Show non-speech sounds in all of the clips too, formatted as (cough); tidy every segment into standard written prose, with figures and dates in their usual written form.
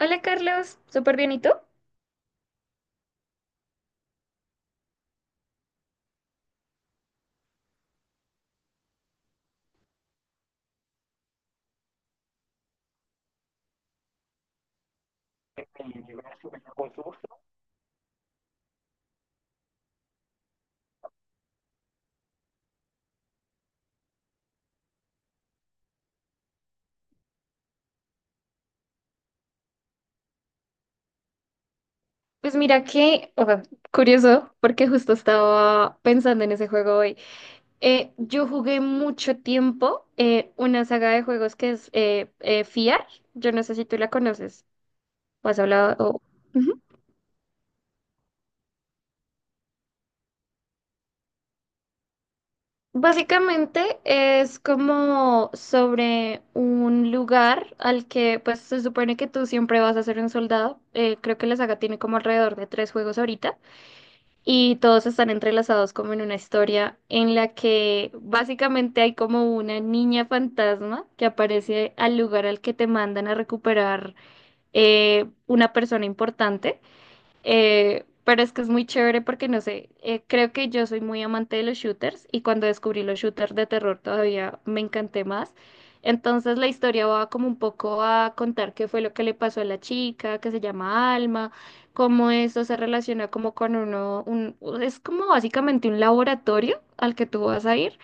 Hola Carlos, súper bien, ¿y tú? Pues mira que, o sea, curioso, porque justo estaba pensando en ese juego hoy. Yo jugué mucho tiempo una saga de juegos que es FIAR, yo no sé si tú la conoces o has hablado... o- Ujú. Básicamente es como sobre un lugar al que pues se supone que tú siempre vas a ser un soldado. Creo que la saga tiene como alrededor de tres juegos ahorita. Y todos están entrelazados como en una historia en la que básicamente hay como una niña fantasma que aparece al lugar al que te mandan a recuperar una persona importante. Pero es que es muy chévere porque no sé, creo que yo soy muy amante de los shooters y cuando descubrí los shooters de terror todavía me encanté más. Entonces la historia va como un poco a contar qué fue lo que le pasó a la chica, que se llama Alma, cómo eso se relaciona como con un, es como básicamente un laboratorio al que tú vas a ir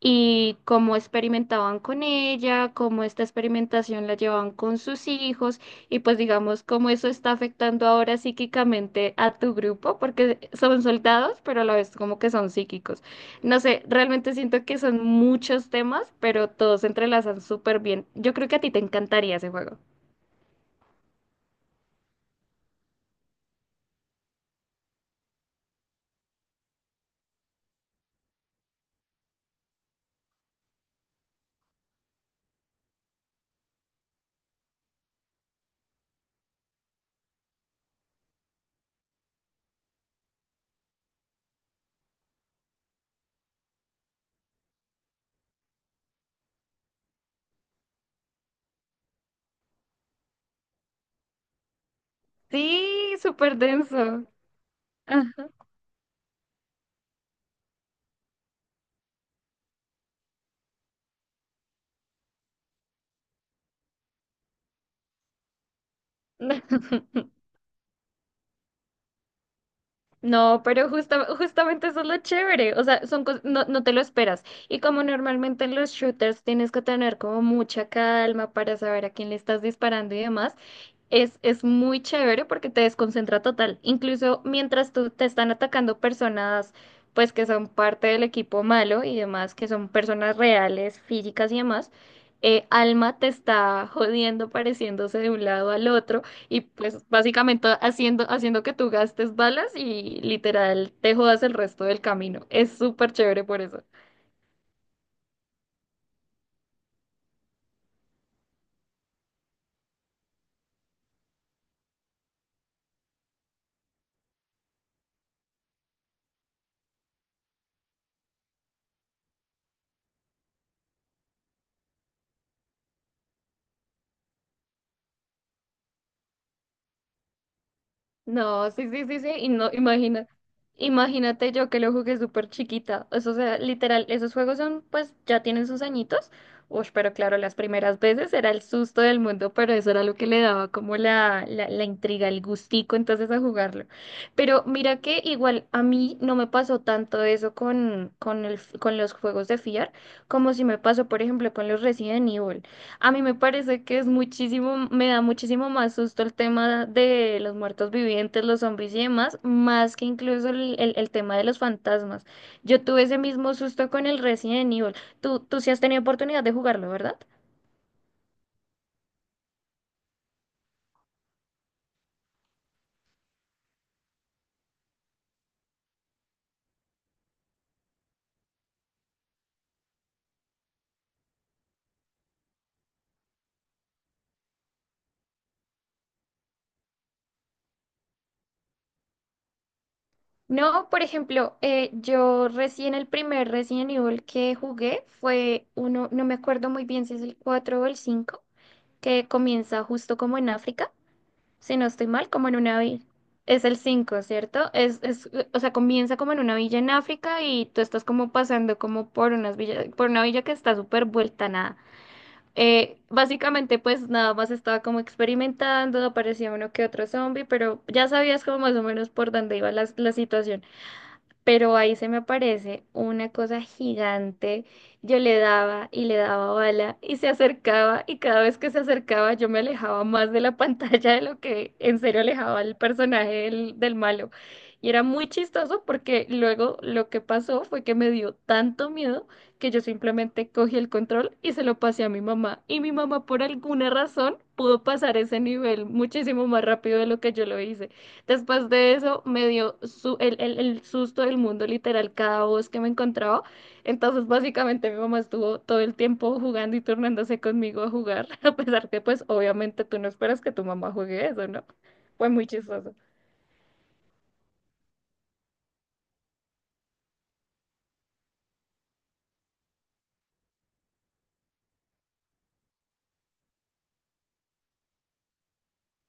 y cómo experimentaban con ella, cómo esta experimentación la llevaban con sus hijos y pues digamos cómo eso está afectando ahora psíquicamente a tu grupo, porque son soldados, pero a la vez como que son psíquicos. No sé, realmente siento que son muchos temas, pero todos se entrelazan súper bien. Yo creo que a ti te encantaría ese juego. Sí, súper denso. Ajá. (laughs) No, pero justamente eso es lo chévere, o sea, son no, no te lo esperas. Y como normalmente en los shooters tienes que tener como mucha calma para saber a quién le estás disparando y demás, es muy chévere porque te desconcentra total. Incluso mientras tú te están atacando personas, pues que son parte del equipo malo y demás, que son personas reales, físicas y demás, Alma te está jodiendo, pareciéndose de un lado al otro y pues básicamente haciendo que tú gastes balas y literal te jodas el resto del camino. Es súper chévere por eso. No, sí, sí, sí, sí, y no, imagina, imagínate yo que lo jugué súper chiquita, eso, o sea, literal, esos juegos son, pues, ya tienen sus añitos, uy, pero claro, las primeras veces era el susto del mundo, pero eso era lo que le daba como la intriga, el gustico, entonces, a jugarlo, pero mira que igual a mí no me pasó tanto eso con los juegos de FIAR, como si me pasó, por ejemplo, con los Resident Evil, a mí me parece que es muchísimo, me da muchísimo más susto el tema de los muertos vivientes, los zombies y demás, más que incluso el tema de los fantasmas. Yo tuve ese mismo susto con el Resident Evil. Tú sí has tenido oportunidad de jugarlo, ¿verdad? No, por ejemplo, yo recién el primer Resident Evil que jugué fue uno, no me acuerdo muy bien si es el 4 o el 5, que comienza justo como en África. Si no estoy mal, como en una villa. Es el cinco, ¿cierto? O sea, comienza como en una villa en África y tú estás como pasando como por unas villas, por una villa que está súper vuelta a nada. Básicamente, pues nada más estaba como experimentando, aparecía uno que otro zombie, pero ya sabías como más o menos por dónde iba la situación, pero ahí se me aparece una cosa gigante. Yo le daba y le daba bala y se acercaba y cada vez que se acercaba yo me alejaba más de la (laughs) pantalla de lo que en serio alejaba al personaje del malo. Y era muy chistoso porque luego lo que pasó fue que me dio tanto miedo que yo simplemente cogí el control y se lo pasé a mi mamá. Y mi mamá por alguna razón pudo pasar ese nivel muchísimo más rápido de lo que yo lo hice. Después de eso me dio el susto del mundo, literal, cada voz que me encontraba. Entonces, básicamente, mi mamá estuvo todo el tiempo jugando y turnándose conmigo a jugar, (laughs) a pesar que, pues, obviamente tú no esperas que tu mamá juegue eso, ¿no? Fue muy chistoso.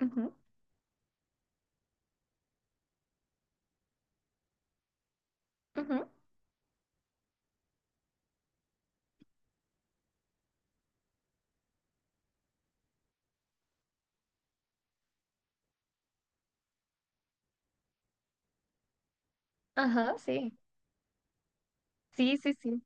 Ujú, ujú. Ajá, sí. Sí, sí, sí.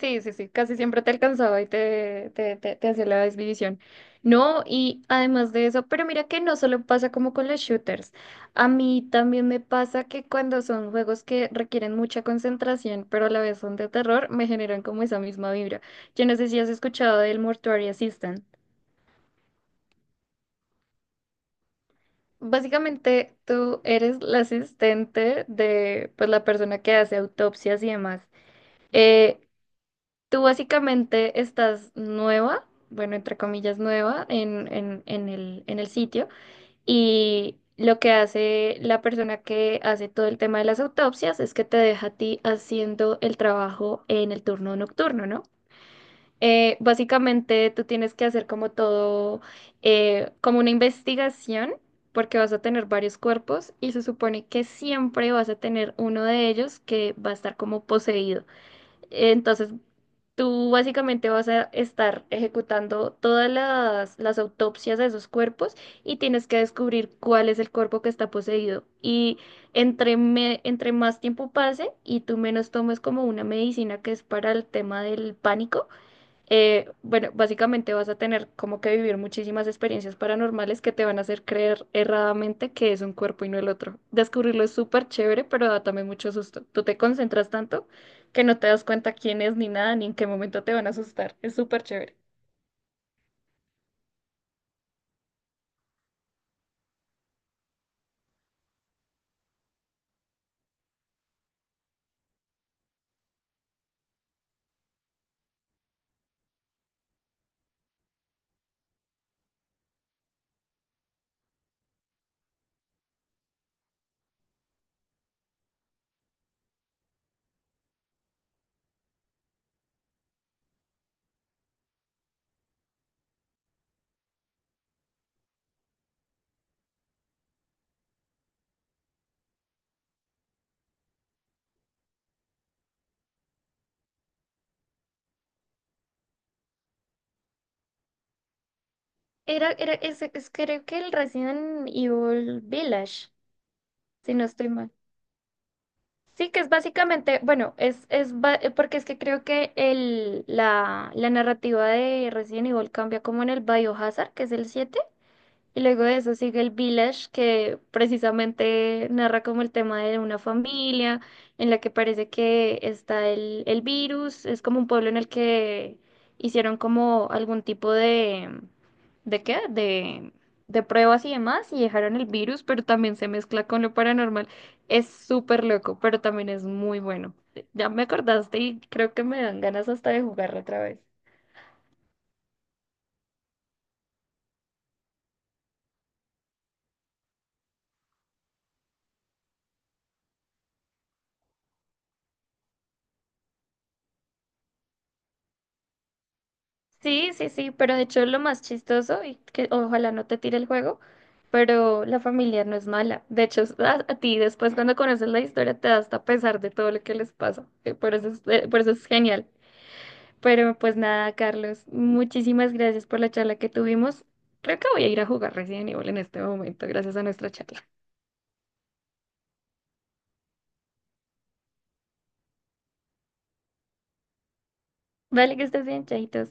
Sí, sí, sí, casi siempre te alcanzaba y te hacía la desvivisión. No, y además de eso, pero mira que no solo pasa como con los shooters. A mí también me pasa que cuando son juegos que requieren mucha concentración, pero a la vez son de terror, me generan como esa misma vibra. Yo no sé si has escuchado del Mortuary Assistant. Básicamente, tú eres la asistente de pues, la persona que hace autopsias y demás. Eh, Tú básicamente estás nueva, bueno, entre comillas nueva, en el sitio y lo que hace la persona que hace todo el tema de las autopsias es que te deja a ti haciendo el trabajo en el turno nocturno, ¿no? Básicamente tú tienes que hacer como todo, como una investigación, porque vas a tener varios cuerpos y se supone que siempre vas a tener uno de ellos que va a estar como poseído. Entonces tú básicamente vas a estar ejecutando todas las autopsias de esos cuerpos y tienes que descubrir cuál es el cuerpo que está poseído. Y entre más tiempo pase y tú menos tomes como una medicina que es para el tema del pánico, bueno, básicamente vas a tener como que vivir muchísimas experiencias paranormales que te van a hacer creer erradamente que es un cuerpo y no el otro. Descubrirlo es súper chévere, pero da también mucho susto. Tú te concentras tanto que no te das cuenta quién es ni nada, ni en qué momento te van a asustar. Es súper chévere. Creo que el Resident Evil Village, si no estoy mal. Sí, que es básicamente, bueno, porque es que creo que la narrativa de Resident Evil cambia como en el Biohazard, que es el siete. Y luego de eso sigue el Village, que precisamente narra como el tema de una familia en la que parece que está el virus. Es como un pueblo en el que hicieron como algún tipo de... ¿De qué? De pruebas y demás y dejaron el virus, pero también se mezcla con lo paranormal. Es súper loco, pero también es muy bueno. Ya me acordaste y creo que me dan ganas hasta de jugarlo otra vez. Sí, sí, sí, pero de hecho lo más chistoso, y que ojalá no te tire el juego, pero la familia no es mala. De hecho, a ti después cuando conoces la historia te da hasta pesar de todo lo que les pasa. Por eso es genial. Pero pues nada, Carlos, muchísimas gracias por la charla que tuvimos. Creo que voy a ir a jugar Resident Evil en este momento, gracias a nuestra charla. Vale, que estés bien, chaitos.